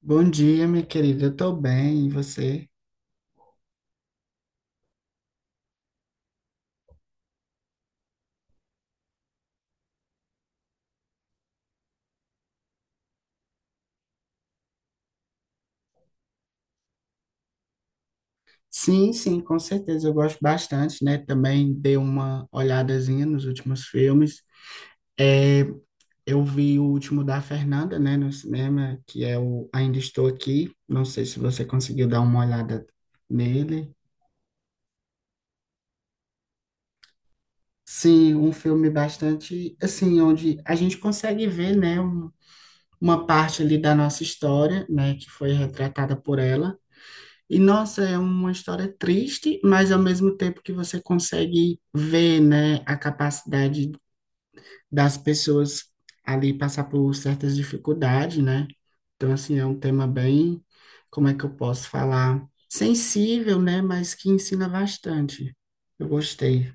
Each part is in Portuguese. Bom dia, minha querida. Eu tô bem, e você? Sim, sim, com certeza. Eu gosto bastante, né? Também dei uma olhadazinha nos últimos filmes. É, eu vi o último da Fernanda, né, no cinema, que é o Ainda Estou Aqui. Não sei se você conseguiu dar uma olhada nele. Sim, um filme bastante, assim, onde a gente consegue ver, né, uma parte ali da nossa história, né, que foi retratada por ela. E, nossa, é uma história triste, mas ao mesmo tempo que você consegue ver, né, a capacidade das pessoas ali passar por certas dificuldades, né? Então, assim, é um tema bem, como é que eu posso falar? Sensível, né? Mas que ensina bastante. Eu gostei.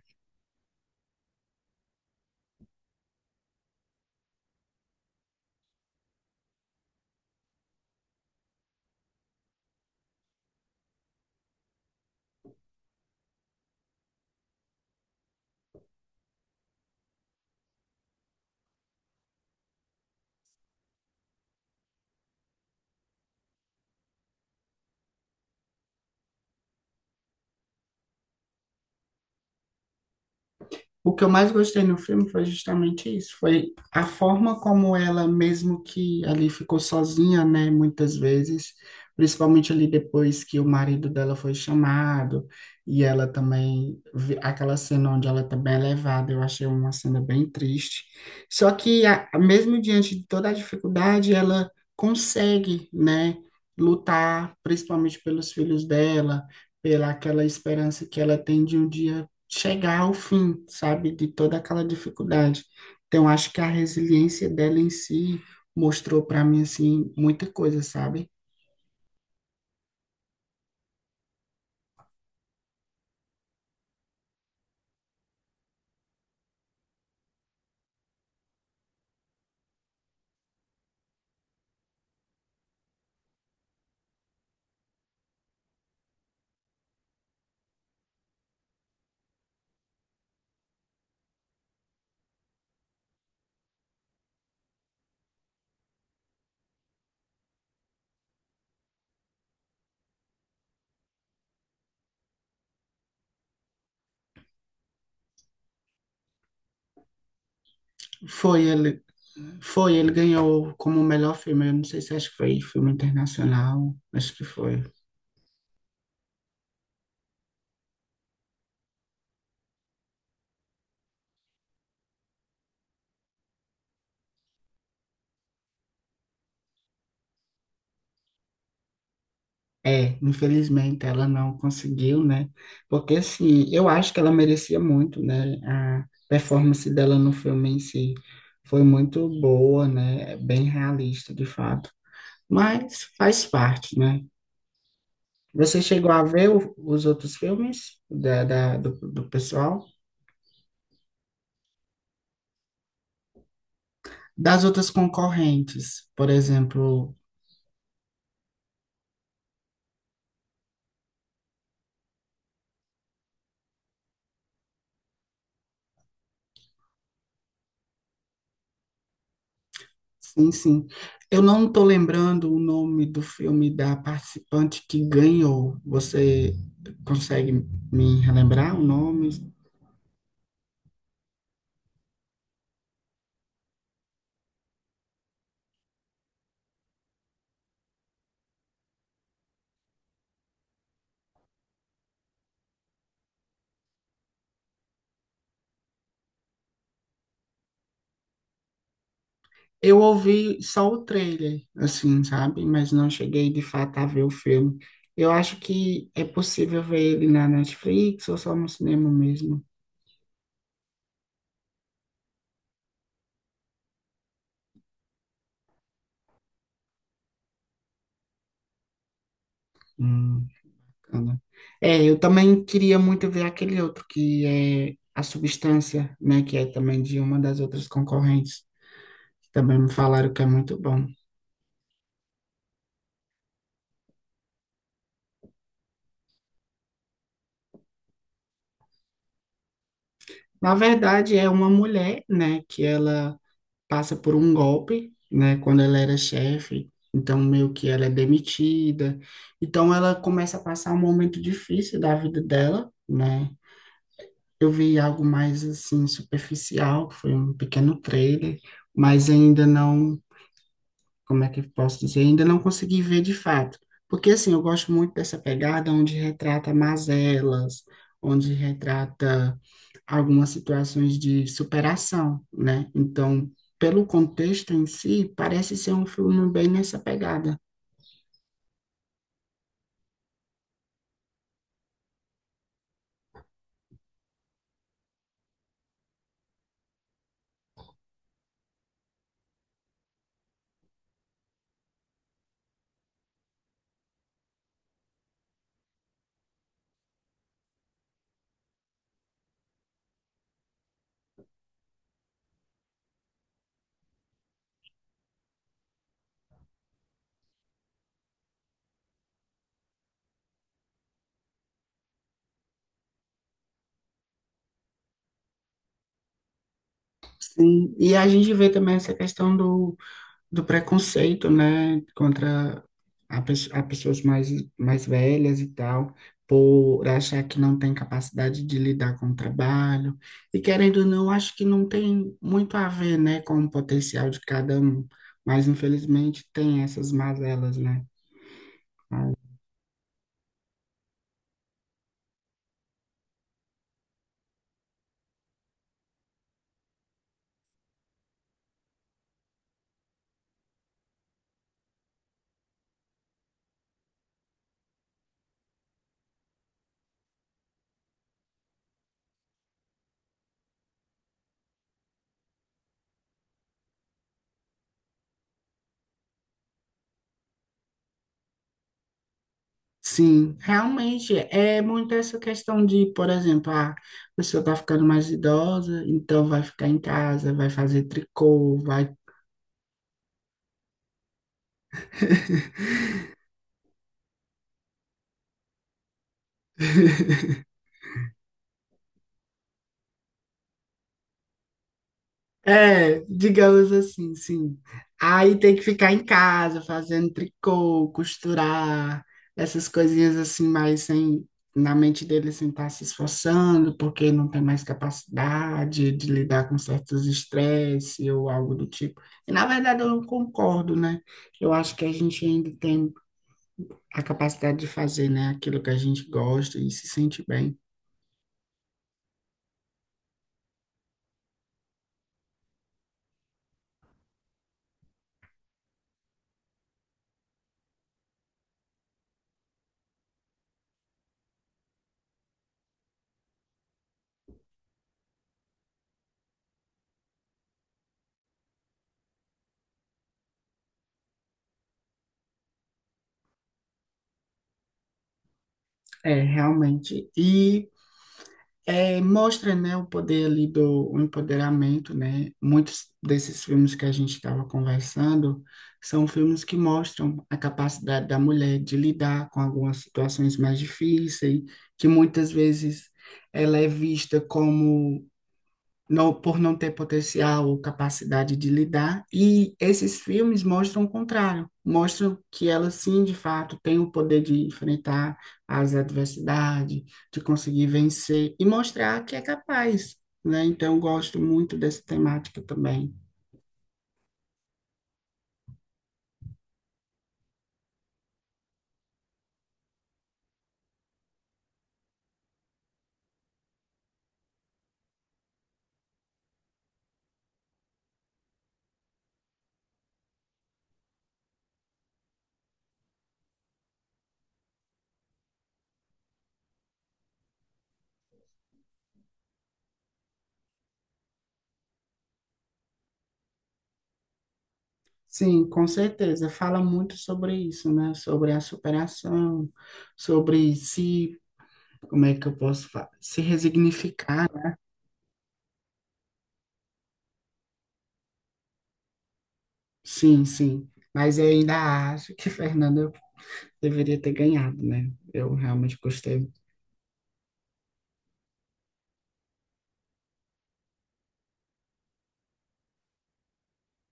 O que eu mais gostei no filme foi justamente isso, foi a forma como ela, mesmo que ali ficou sozinha, né, muitas vezes, principalmente ali depois que o marido dela foi chamado, e ela também, aquela cena onde ela também é levada, eu achei uma cena bem triste. Só que, mesmo diante de toda a dificuldade, ela consegue, né, lutar, principalmente pelos filhos dela, pela aquela esperança que ela tem de um dia chegar ao fim, sabe, de toda aquela dificuldade. Então, acho que a resiliência dela em si mostrou para mim assim muita coisa, sabe? Foi ele, foi ele ganhou como o melhor filme. Eu não sei se acho que foi filme internacional, acho que foi. É, infelizmente ela não conseguiu, né? Porque assim, eu acho que ela merecia muito, né? A performance dela no filme em si foi muito boa, né? É bem realista, de fato. Mas faz parte, né? Você chegou a ver os outros filmes do pessoal? Das outras concorrentes, por exemplo. Sim, sim. Eu não estou lembrando o nome do filme da participante que ganhou. Você consegue me relembrar o nome? Eu ouvi só o trailer, assim, sabe? Mas não cheguei de fato a ver o filme. Eu acho que é possível ver ele na Netflix ou só no cinema mesmo. Hum. Bacana. É, eu também queria muito ver aquele outro que é A Substância, né, que é também de uma das outras concorrentes. Também me falaram que é muito bom. Na verdade, é uma mulher, né, que ela passa por um golpe, né, quando ela era chefe, então meio que ela é demitida. Então ela começa a passar um momento difícil da vida dela, né? Eu vi algo mais assim superficial, que foi um pequeno trailer, mas ainda não, como é que eu posso dizer? Ainda não consegui ver de fato. Porque, assim, eu gosto muito dessa pegada onde retrata mazelas, onde retrata algumas situações de superação, né? Então, pelo contexto em si, parece ser um filme bem nessa pegada. Sim, e a gente vê também essa questão do preconceito, né, contra a pessoas mais, mais velhas e tal, por achar que não tem capacidade de lidar com o trabalho. E querendo ou não, acho que não tem muito a ver, né, com o potencial de cada um, mas infelizmente tem essas mazelas, né? Sim, realmente é muito essa questão de, por exemplo, ah, a pessoa tá ficando mais idosa, então vai ficar em casa, vai fazer tricô, vai... É, digamos assim, sim. Aí tem que ficar em casa fazendo tricô, costurar, essas coisinhas assim, mas sem, na mente dele sem estar se esforçando, porque não tem mais capacidade de lidar com certos estresse ou algo do tipo. E na verdade eu não concordo, né? Eu acho que a gente ainda tem a capacidade de fazer, né, aquilo que a gente gosta e se sente bem. É, realmente. É, mostra, né, o poder ali do o empoderamento, né? Muitos desses filmes que a gente estava conversando são filmes que mostram a capacidade da mulher de lidar com algumas situações mais difíceis, que muitas vezes ela é vista como não, por não ter potencial ou capacidade de lidar. E esses filmes mostram o contrário, mostram que ela sim, de fato, tem o poder de enfrentar as adversidades, de conseguir vencer e mostrar que é capaz, né? Então, eu gosto muito dessa temática também. Sim, com certeza. Fala muito sobre isso, né? Sobre a superação, sobre se, como é que eu posso falar? Se resignificar. Sim, sim. Mas eu ainda acho que Fernanda deveria ter ganhado, né? Eu realmente gostei.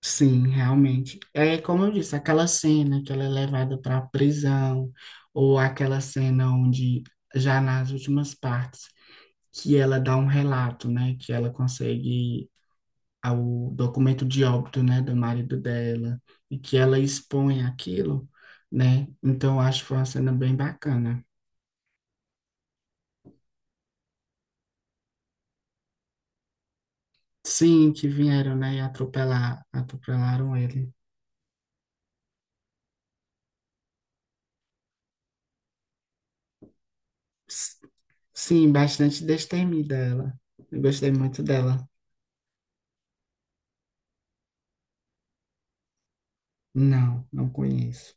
Sim, realmente. É como eu disse, aquela cena que ela é levada para a prisão, ou aquela cena onde, já nas últimas partes, que ela dá um relato, né? Que ela consegue o documento de óbito, né, do marido dela, e que ela expõe aquilo, né? Então, eu acho que foi uma cena bem bacana. Sim, que vieram, né, e atropelaram ele. Sim, bastante destemida ela. Eu gostei muito dela. Não, não conheço.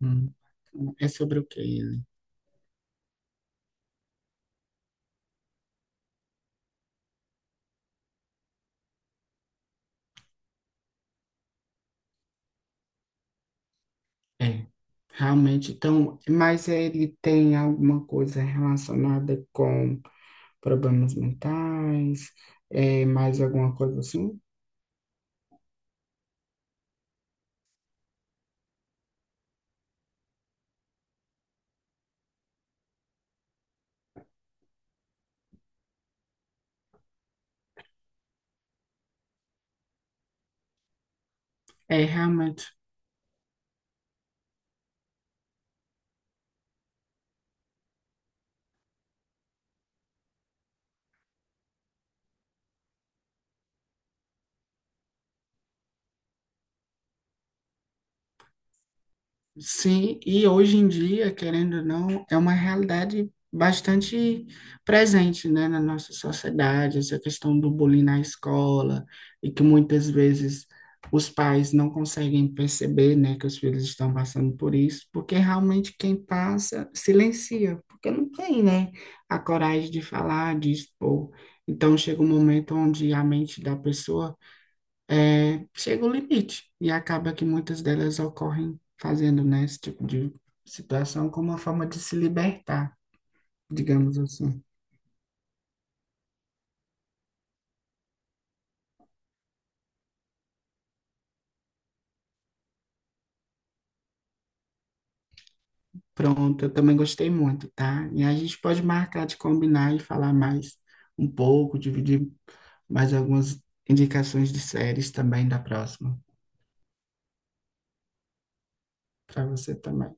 Hum, É sobre o que ele? É, realmente. Então, mas ele tem alguma coisa relacionada com problemas mentais? É mais alguma coisa assim? É realmente. Sim, e hoje em dia, querendo ou não, é uma realidade bastante presente, né, na nossa sociedade, essa questão do bullying na escola, e que muitas vezes os pais não conseguem perceber, né, que os filhos estão passando por isso, porque realmente quem passa silencia, porque não tem, né, a coragem de falar, de expor. Então chega um momento onde a mente da pessoa é, chega o limite. E acaba que muitas delas ocorrem fazendo, né, esse tipo de situação como uma forma de se libertar, digamos assim. Pronto, eu também gostei muito, tá? E a gente pode marcar de combinar e falar mais um pouco, dividir mais algumas indicações de séries também da próxima, para você também.